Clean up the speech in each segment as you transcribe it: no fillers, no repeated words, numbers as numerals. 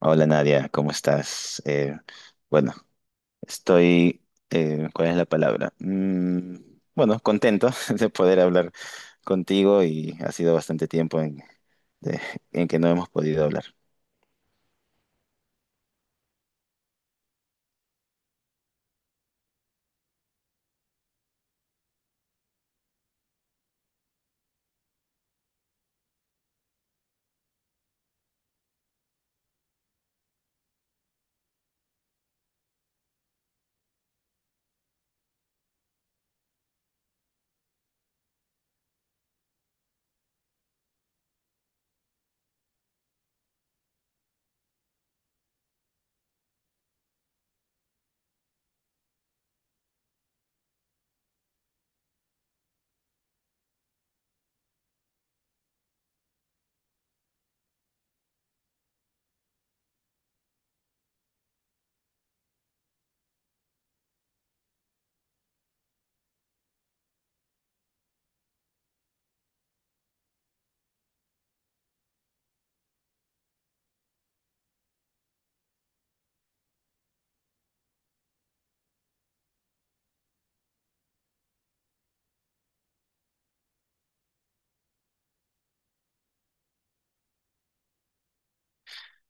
Hola Nadia, ¿cómo estás? Bueno, estoy, ¿cuál es la palabra? Bueno, contento de poder hablar contigo y ha sido bastante tiempo en, de- en que no hemos podido hablar.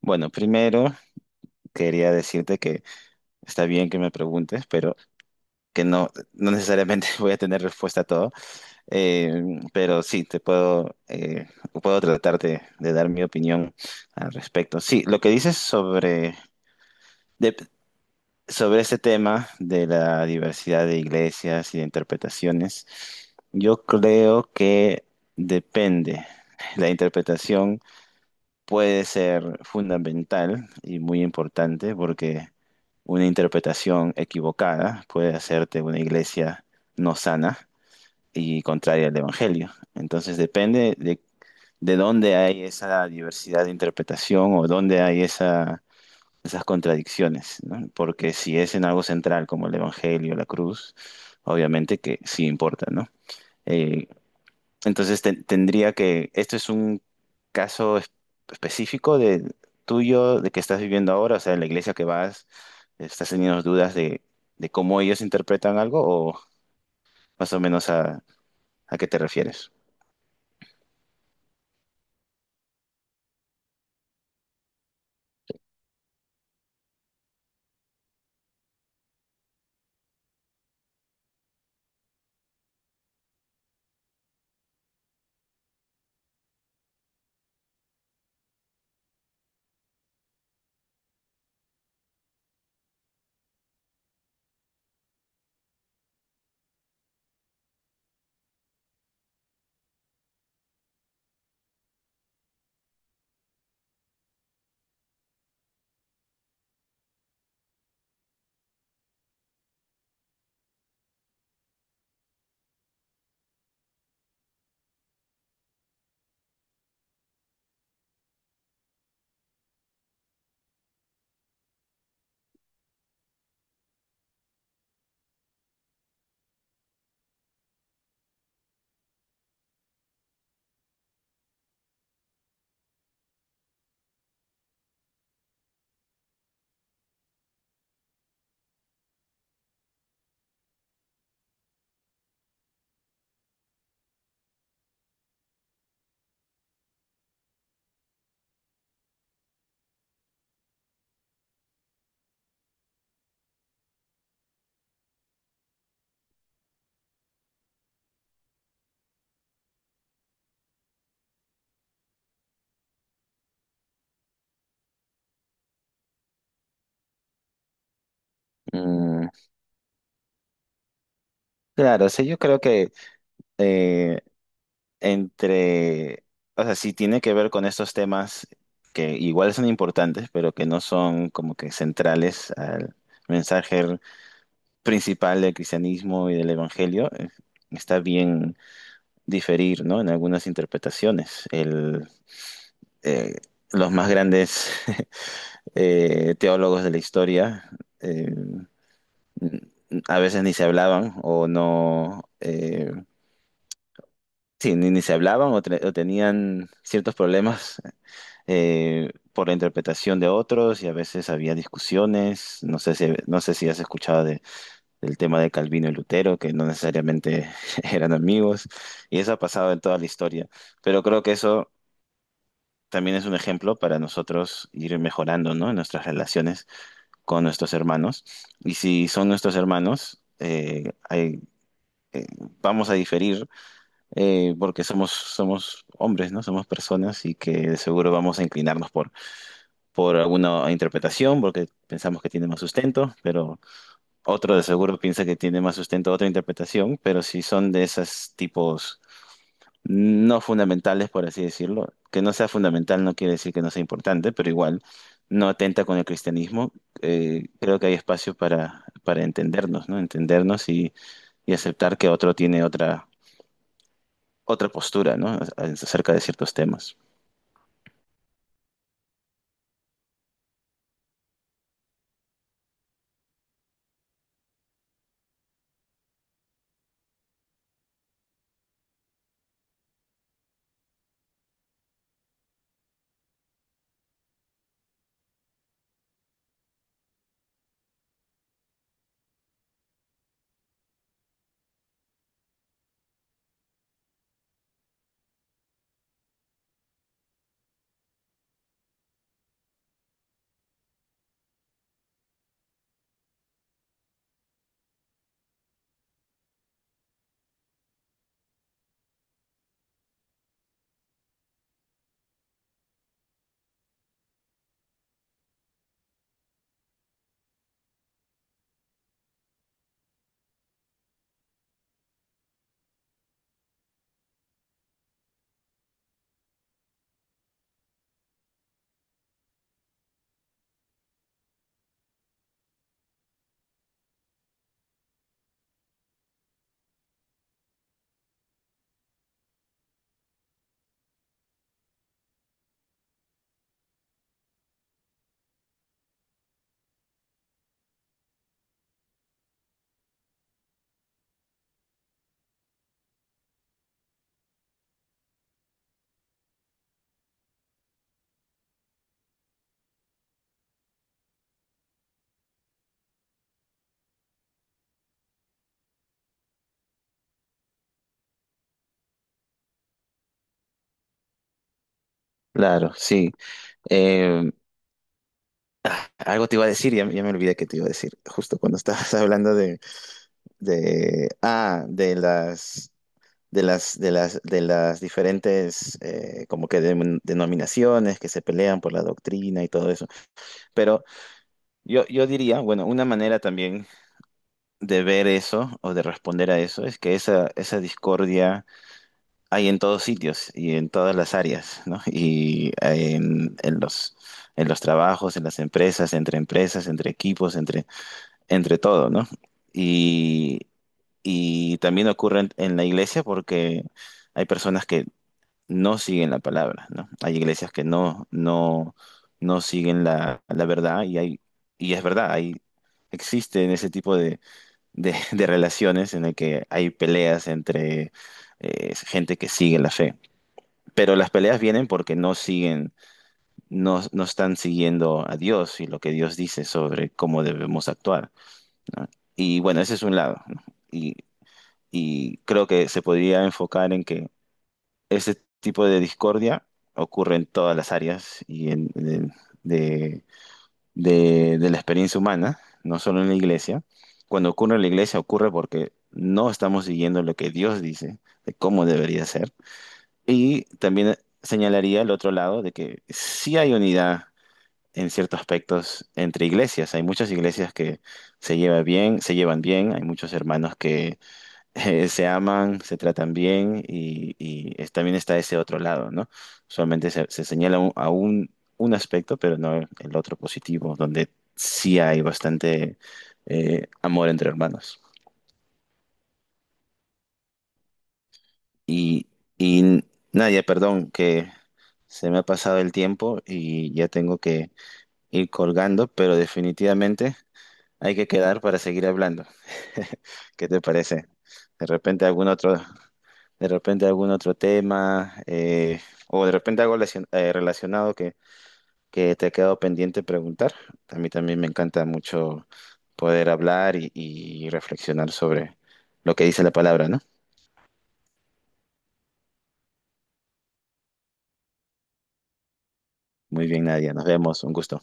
Bueno, primero quería decirte que está bien que me preguntes, pero que no necesariamente voy a tener respuesta a todo. Pero sí, te puedo, puedo tratarte de dar mi opinión al respecto. Sí, lo que dices sobre sobre ese tema de la diversidad de iglesias y de interpretaciones, yo creo que depende. La interpretación puede ser fundamental y muy importante porque una interpretación equivocada puede hacerte una iglesia no sana y contraria al Evangelio. Entonces depende de dónde hay esa diversidad de interpretación o dónde hay esa esas contradicciones, ¿no? Porque si es en algo central como el Evangelio, la cruz, obviamente que sí importa, ¿no? Eh, entonces tendría que, esto es un caso específico de tuyo, de que estás viviendo ahora, o sea, en la iglesia que vas, estás teniendo dudas de cómo ellos interpretan algo o más o menos a qué te refieres. Mm, claro, o sea, yo creo que eh, entre, o sea, sí tiene que ver con estos temas que igual son importantes, pero que no son como que centrales al mensaje principal del cristianismo y del evangelio. Está bien diferir, ¿no? En algunas interpretaciones. Eh, los más grandes teólogos de la historia eh, a veces ni se hablaban o no, sí, ni se hablaban o, o tenían ciertos problemas por la interpretación de otros y a veces había discusiones. No sé si has escuchado del tema de Calvino y Lutero, que no necesariamente eran amigos, y eso ha pasado en toda la historia. Pero creo que eso también es un ejemplo para nosotros ir mejorando, ¿no?, nuestras relaciones con nuestros hermanos. Y si son nuestros hermanos, vamos a diferir, porque somos hombres, ¿no? Somos personas y que de seguro vamos a inclinarnos por alguna interpretación, porque pensamos que tiene más sustento, pero otro de seguro piensa que tiene más sustento otra interpretación, pero si son de esos tipos no fundamentales, por así decirlo, que no sea fundamental no quiere decir que no sea importante, pero igual no atenta con el cristianismo. Creo que hay espacio para entendernos, ¿no? Entendernos y aceptar que otro tiene otra postura, ¿no? Acerca de ciertos temas. Claro, sí. Eh, Algo te iba a decir, ya me olvidé que te iba a decir, justo cuando estabas hablando de, ah, de las, de las, de las, de las diferentes, como que denominaciones que se pelean por la doctrina y todo eso. Pero yo diría, bueno, una manera también de ver eso o de responder a eso es que esa discordia hay en todos sitios y en todas las áreas, ¿no? Y en los trabajos, en las empresas, entre equipos, entre todo, ¿no? Y, y también ocurre en la iglesia porque hay personas que no siguen la palabra, ¿no? Hay iglesias que no siguen la verdad y hay, y es verdad, hay, existen ese tipo de relaciones en el que hay peleas entre gente que sigue la fe. Pero las peleas vienen porque no siguen, no, no están siguiendo a Dios y lo que Dios dice sobre cómo debemos actuar, ¿no? Y bueno, ese es un lado, ¿no? Y, y creo que se podría enfocar en que ese tipo de discordia ocurre en todas las áreas y en, de- de la experiencia humana, no solo en la iglesia. Cuando ocurre en la iglesia ocurre porque no estamos siguiendo lo que Dios dice de cómo debería ser. Y también señalaría el otro lado de que sí hay unidad en ciertos aspectos entre iglesias. Hay muchas iglesias que se llevan bien, hay muchos hermanos que se aman, se tratan bien y, también está ese otro lado, ¿no? Solamente se señala un- a un, un aspecto, pero no el otro positivo, donde sí hay bastante amor entre hermanos. Y, y Nadia, perdón, que se me ha pasado el tiempo y ya tengo que ir colgando, pero definitivamente hay que quedar para seguir hablando. ¿Qué te parece? De repente algún otro, de repente algún otro tema, o de repente algo relacionado que te ha quedado pendiente preguntar. A mí también me encanta mucho poder hablar y reflexionar sobre lo que dice la palabra, ¿no? Muy bien, Nadia. Nos vemos. Un gusto.